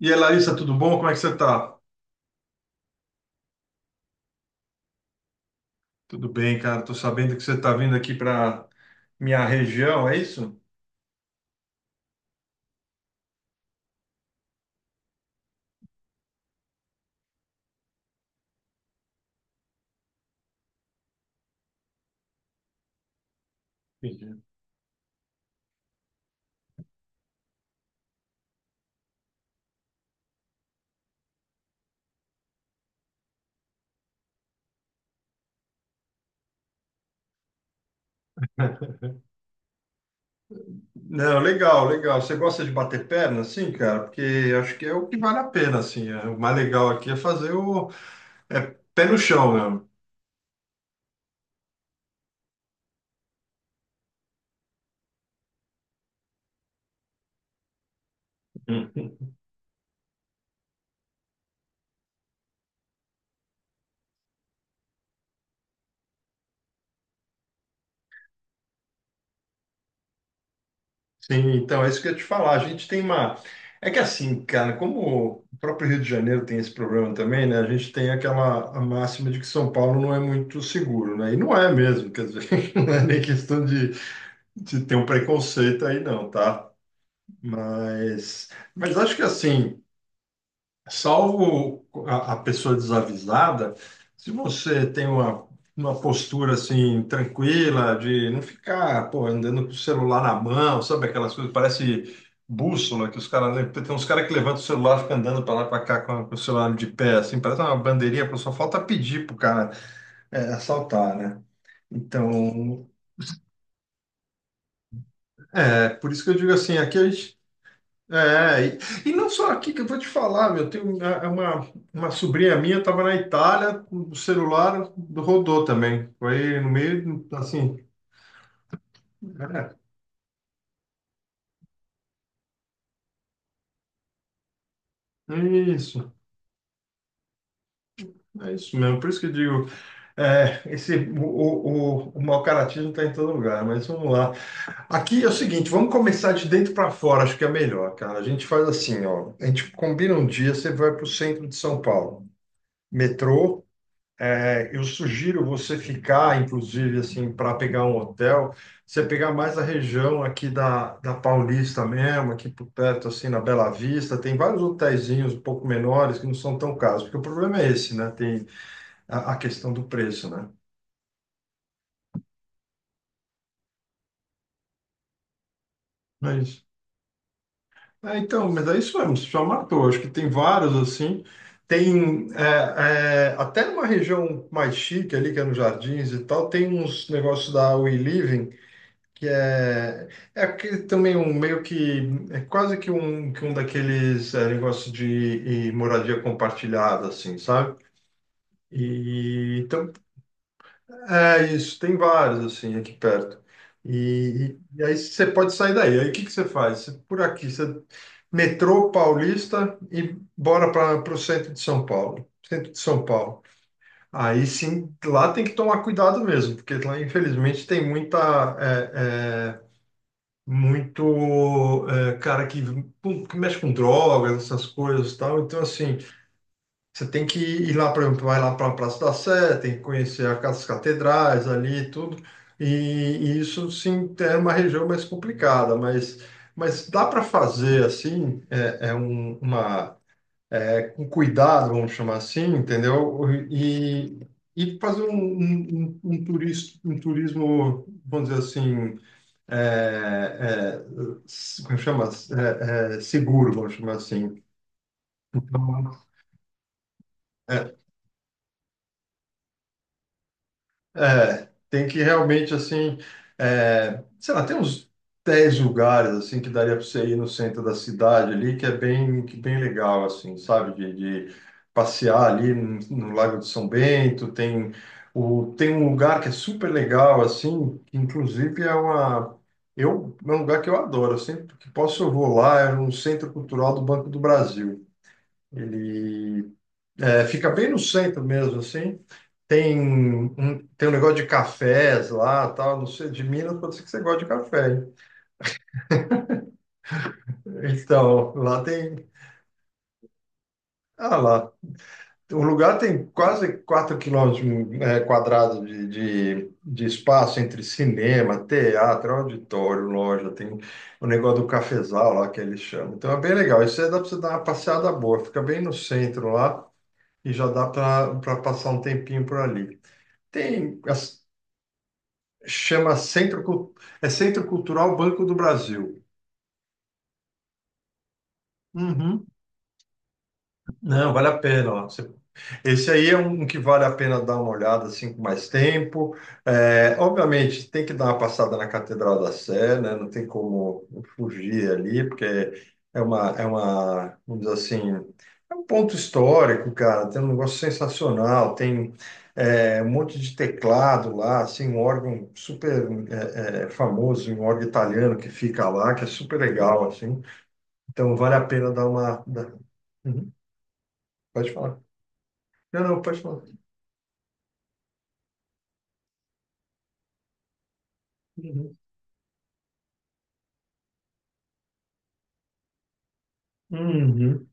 E aí, Larissa, tudo bom? Como é que você tá? Tudo bem, cara. Tô sabendo que você tá vindo aqui para minha região, é isso? Entendi. Não, legal, legal. Você gosta de bater perna, sim, cara? Porque acho que é o que vale a pena, assim. É, o mais legal aqui é fazer o é pé no chão, né? Uhum. Sim, então é isso que eu ia te falar. A gente tem uma. É que assim, cara, como o próprio Rio de Janeiro tem esse problema também, né? A gente tem aquela a máxima de que São Paulo não é muito seguro, né? E não é mesmo, quer dizer, não é nem questão de ter um preconceito aí não, tá? Mas, mas acho que assim, salvo a pessoa desavisada, se você tem uma postura assim tranquila de não ficar, pô, andando com o celular na mão, sabe aquelas coisas, parece bússola que os caras, tem uns caras que levantam o celular, ficam andando para lá para cá com o celular de pé, assim, parece uma bandeirinha, pô, só falta pedir pro cara assaltar, né? Então, por isso que eu digo assim, aqui a gente. É, e não só aqui que eu vou te falar, meu, tem uma, uma sobrinha minha estava na Itália, o celular rodou também, foi no meio, assim, é, é isso, é isso mesmo, por isso que eu digo, esse, o mau caratismo está em todo lugar, mas vamos lá. Aqui é o seguinte, vamos começar de dentro para fora, acho que é melhor, cara, a gente faz assim, ó, a gente combina um dia, você vai para o centro de São Paulo, metrô. Eu sugiro você ficar, inclusive, assim, para pegar um hotel, você pegar mais a região aqui da Paulista mesmo, aqui por perto, assim, na Bela Vista, tem vários hotelzinhos um pouco menores que não são tão caros, porque o problema é esse, né? Tem a questão do preço, né? Não é isso. Então, mas é isso mesmo, você já matou. Acho que tem vários, assim, tem até numa região mais chique ali, que é nos Jardins e tal, tem uns negócios da We Living, que é que também um meio que é quase que um, daqueles negócios de e moradia compartilhada, assim, sabe? E então é isso, tem vários assim aqui perto. E aí você pode sair daí. Aí o que que você faz? Por aqui, você metrô Paulista e bora para o centro de São Paulo. Centro de São Paulo. Aí sim, lá tem que tomar cuidado mesmo, porque lá infelizmente tem muita muito cara que mexe com drogas, essas coisas e tal. Então, assim, você tem que ir lá, por exemplo, vai lá para a Praça da Sé, tem que conhecer as catedrais ali e tudo. E isso, sim, é uma região mais complicada, mas dá para fazer, assim, com cuidado, vamos chamar assim, entendeu? E, e fazer um um turismo, vamos dizer assim, é, é, como chama? Seguro, vamos chamar assim. Então, é, tem que realmente, assim, sei lá, tem uns 10 lugares, assim, que daria para você ir no centro da cidade ali, que é bem, que bem legal, assim, sabe? De passear ali no Lago de São Bento, tem, um lugar que é super legal, assim, que inclusive é um lugar que eu adoro, eu sempre que posso eu vou lá, é no Centro Cultural do Banco do Brasil. Ele fica bem no centro mesmo, assim, tem um negócio de cafés lá, tal, não sei, de Minas, pode ser que você goste de café, hein? Então, lá ah lá, o lugar tem quase 4 quilômetros quadrados de, de espaço entre cinema, teatro, auditório, loja, tem o negócio do cafezal lá que eles chamam. Então é bem legal, isso aí dá para você dar uma passeada boa, fica bem no centro lá e já dá para passar um tempinho por ali. Tem as. Chama Centro, é Centro Cultural Banco do Brasil. Uhum. Não, vale a pena, ó. Esse aí é um que vale a pena dar uma olhada assim com mais tempo. É, obviamente, tem que dar uma passada na Catedral da Sé, né? Não tem como fugir ali, porque vamos dizer assim, é um ponto histórico, cara. Tem um negócio sensacional, tem um monte de teclado lá, assim, um órgão super famoso, um órgão italiano que fica lá, que é super legal, assim. Então, vale a pena Uhum, pode falar. Não, não, pode falar. Uhum. Uhum.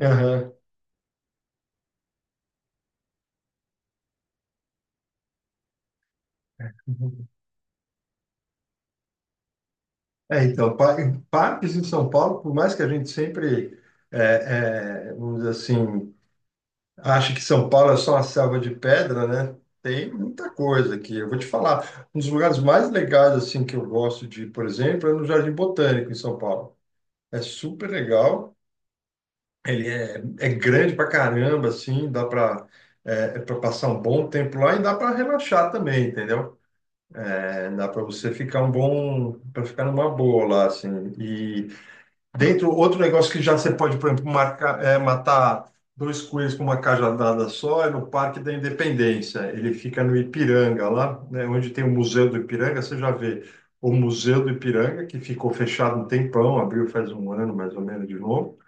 Aham. Uhum. Então, em parques em São Paulo, por mais que a gente sempre, é, vamos dizer assim, ache que São Paulo é só uma selva de pedra, né? Tem muita coisa aqui. Eu vou te falar, um dos lugares mais legais, assim, que eu gosto de ir, por exemplo, é no Jardim Botânico, em São Paulo. É super legal, é grande pra caramba, assim, dá pra, é, pra passar um bom tempo lá e dá pra relaxar também, entendeu? É, dá para você ficar um para ficar numa boa lá, assim. E dentro, outro negócio que já você pode, por exemplo, marcar, matar dois coelhos com uma cajadada só é no Parque da Independência. Ele fica no Ipiranga, lá, né, onde tem o Museu do Ipiranga, você já vê o Museu do Ipiranga, que ficou fechado um tempão, abriu faz um ano mais ou menos de novo.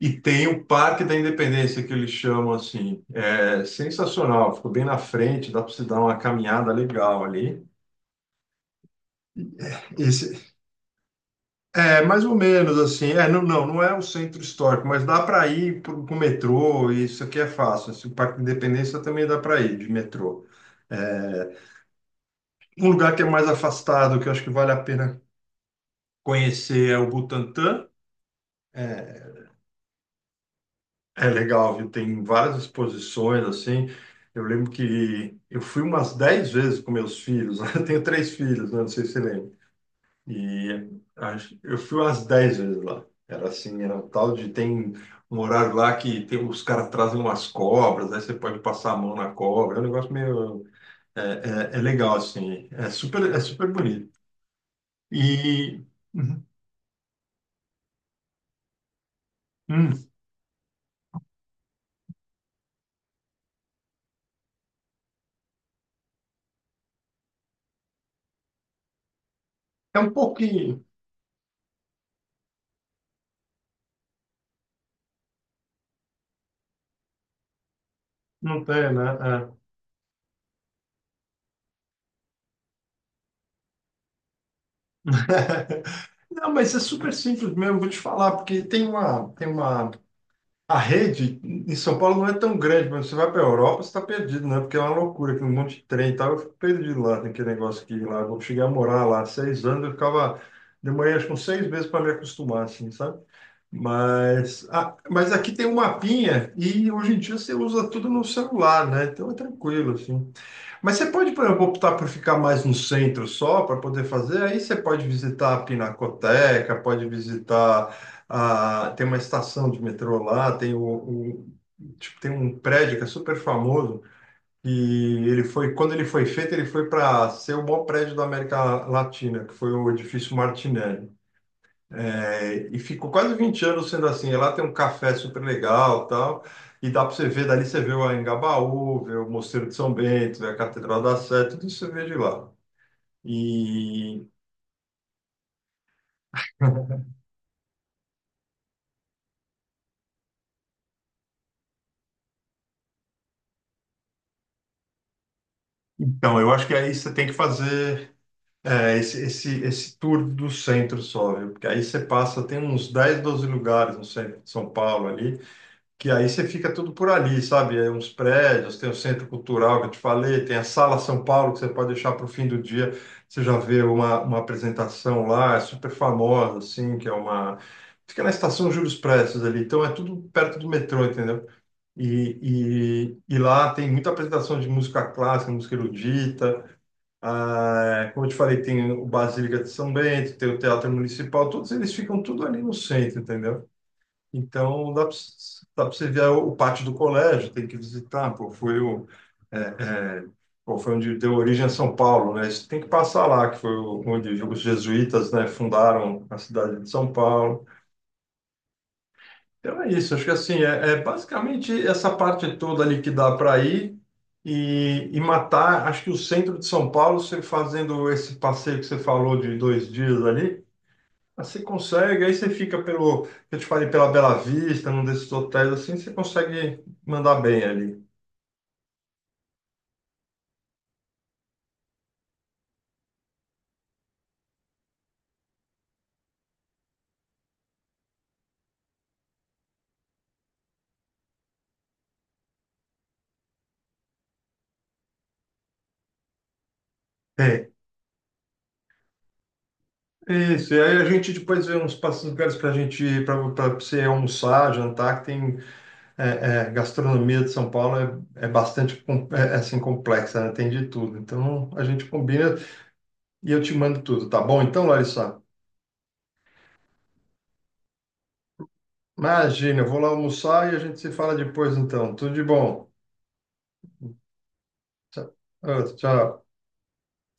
E tem o Parque da Independência, que eles chamam assim. É sensacional, ficou bem na frente, dá para você dar uma caminhada legal ali. Esse, É, mais ou menos assim. É, não, não, não é o centro histórico, mas dá para ir pro metrô, e isso aqui é fácil. Esse Parque da Independência também dá para ir de metrô. É, Um lugar que é mais afastado, que eu acho que vale a pena conhecer, é o Butantã. É, é legal, viu? Tem várias exposições assim. Eu lembro que eu fui umas 10 vezes com meus filhos. Eu tenho três filhos, né? Não sei se você lembra. E eu fui umas 10 vezes lá. Era assim, era um tal de tem um horário lá que tem, os caras trazem umas cobras, aí você pode passar a mão na cobra. É um negócio meio. É, é legal, assim. É super bonito. E. Uhum. Hum. É um pouquinho. Não tem, né? É. Não, mas é super simples mesmo, vou te falar, porque tem uma, a rede em São Paulo não é tão grande, mas você vai para a Europa, você está perdido, né? Porque é uma loucura, que um monte de trem e tal. Eu fico perdido lá, tem aquele negócio aqui lá. Eu cheguei a morar lá 6 anos, eu ficava. Demorei acho que uns 6 meses para me acostumar, assim, sabe? Mas aqui tem um mapinha e hoje em dia você usa tudo no celular, né? Então é tranquilo, assim. Mas você pode, por exemplo, optar por ficar mais no centro só para poder fazer. Aí você pode visitar a Pinacoteca, pode visitar Tem uma estação de metrô lá, tipo, tem um prédio que é super famoso. E ele foi, quando ele foi feito, ele foi para ser o maior prédio da América Latina, que foi o edifício Martinelli. E ficou quase 20 anos sendo assim. E lá tem um café super legal, tal. E dá para você ver, dali você vê o Engabaú, vê o Mosteiro de São Bento, vê a Catedral da Sé, tudo isso você vê de lá. E então, eu acho que aí você tem que fazer esse tour do centro só, viu? Porque aí você passa, tem uns 10 12 lugares no centro de São Paulo ali, que aí você fica tudo por ali, sabe? É uns prédios, tem o Centro Cultural que eu te falei, tem a Sala São Paulo que você pode deixar para o fim do dia, você já vê uma apresentação lá, é super famosa, assim, Fica na Estação Júlio Prestes ali, então é tudo perto do metrô, entendeu? E lá tem muita apresentação de música clássica, música erudita, ah, como eu te falei, tem o Basílica de São Bento, tem o Teatro Municipal, todos eles ficam tudo ali no centro, entendeu? Então, dá para você ver o pátio do colégio, tem que visitar, pô, foi o, é, é, pô, foi onde deu origem a São Paulo, né? Isso tem que passar lá, que onde os jesuítas, né, fundaram a cidade de São Paulo. Então é isso, acho que assim, basicamente essa parte toda ali que dá para ir e matar, acho que o centro de São Paulo, você fazendo esse passeio que você falou de 2 dias ali, mas você consegue, aí você fica pelo, eu te falei, pela Bela Vista, num desses hotéis assim, você consegue mandar bem ali. É, isso. E aí a gente depois vê uns passos lugares para a gente ir, para você almoçar, jantar, que tem gastronomia de São Paulo é bastante assim, complexa, né? Tem de tudo. Então a gente combina e eu te mando tudo, tá bom? Então, Larissa, imagina, eu vou lá almoçar e a gente se fala depois então. Tudo de bom. Tchau. Ah, tchau.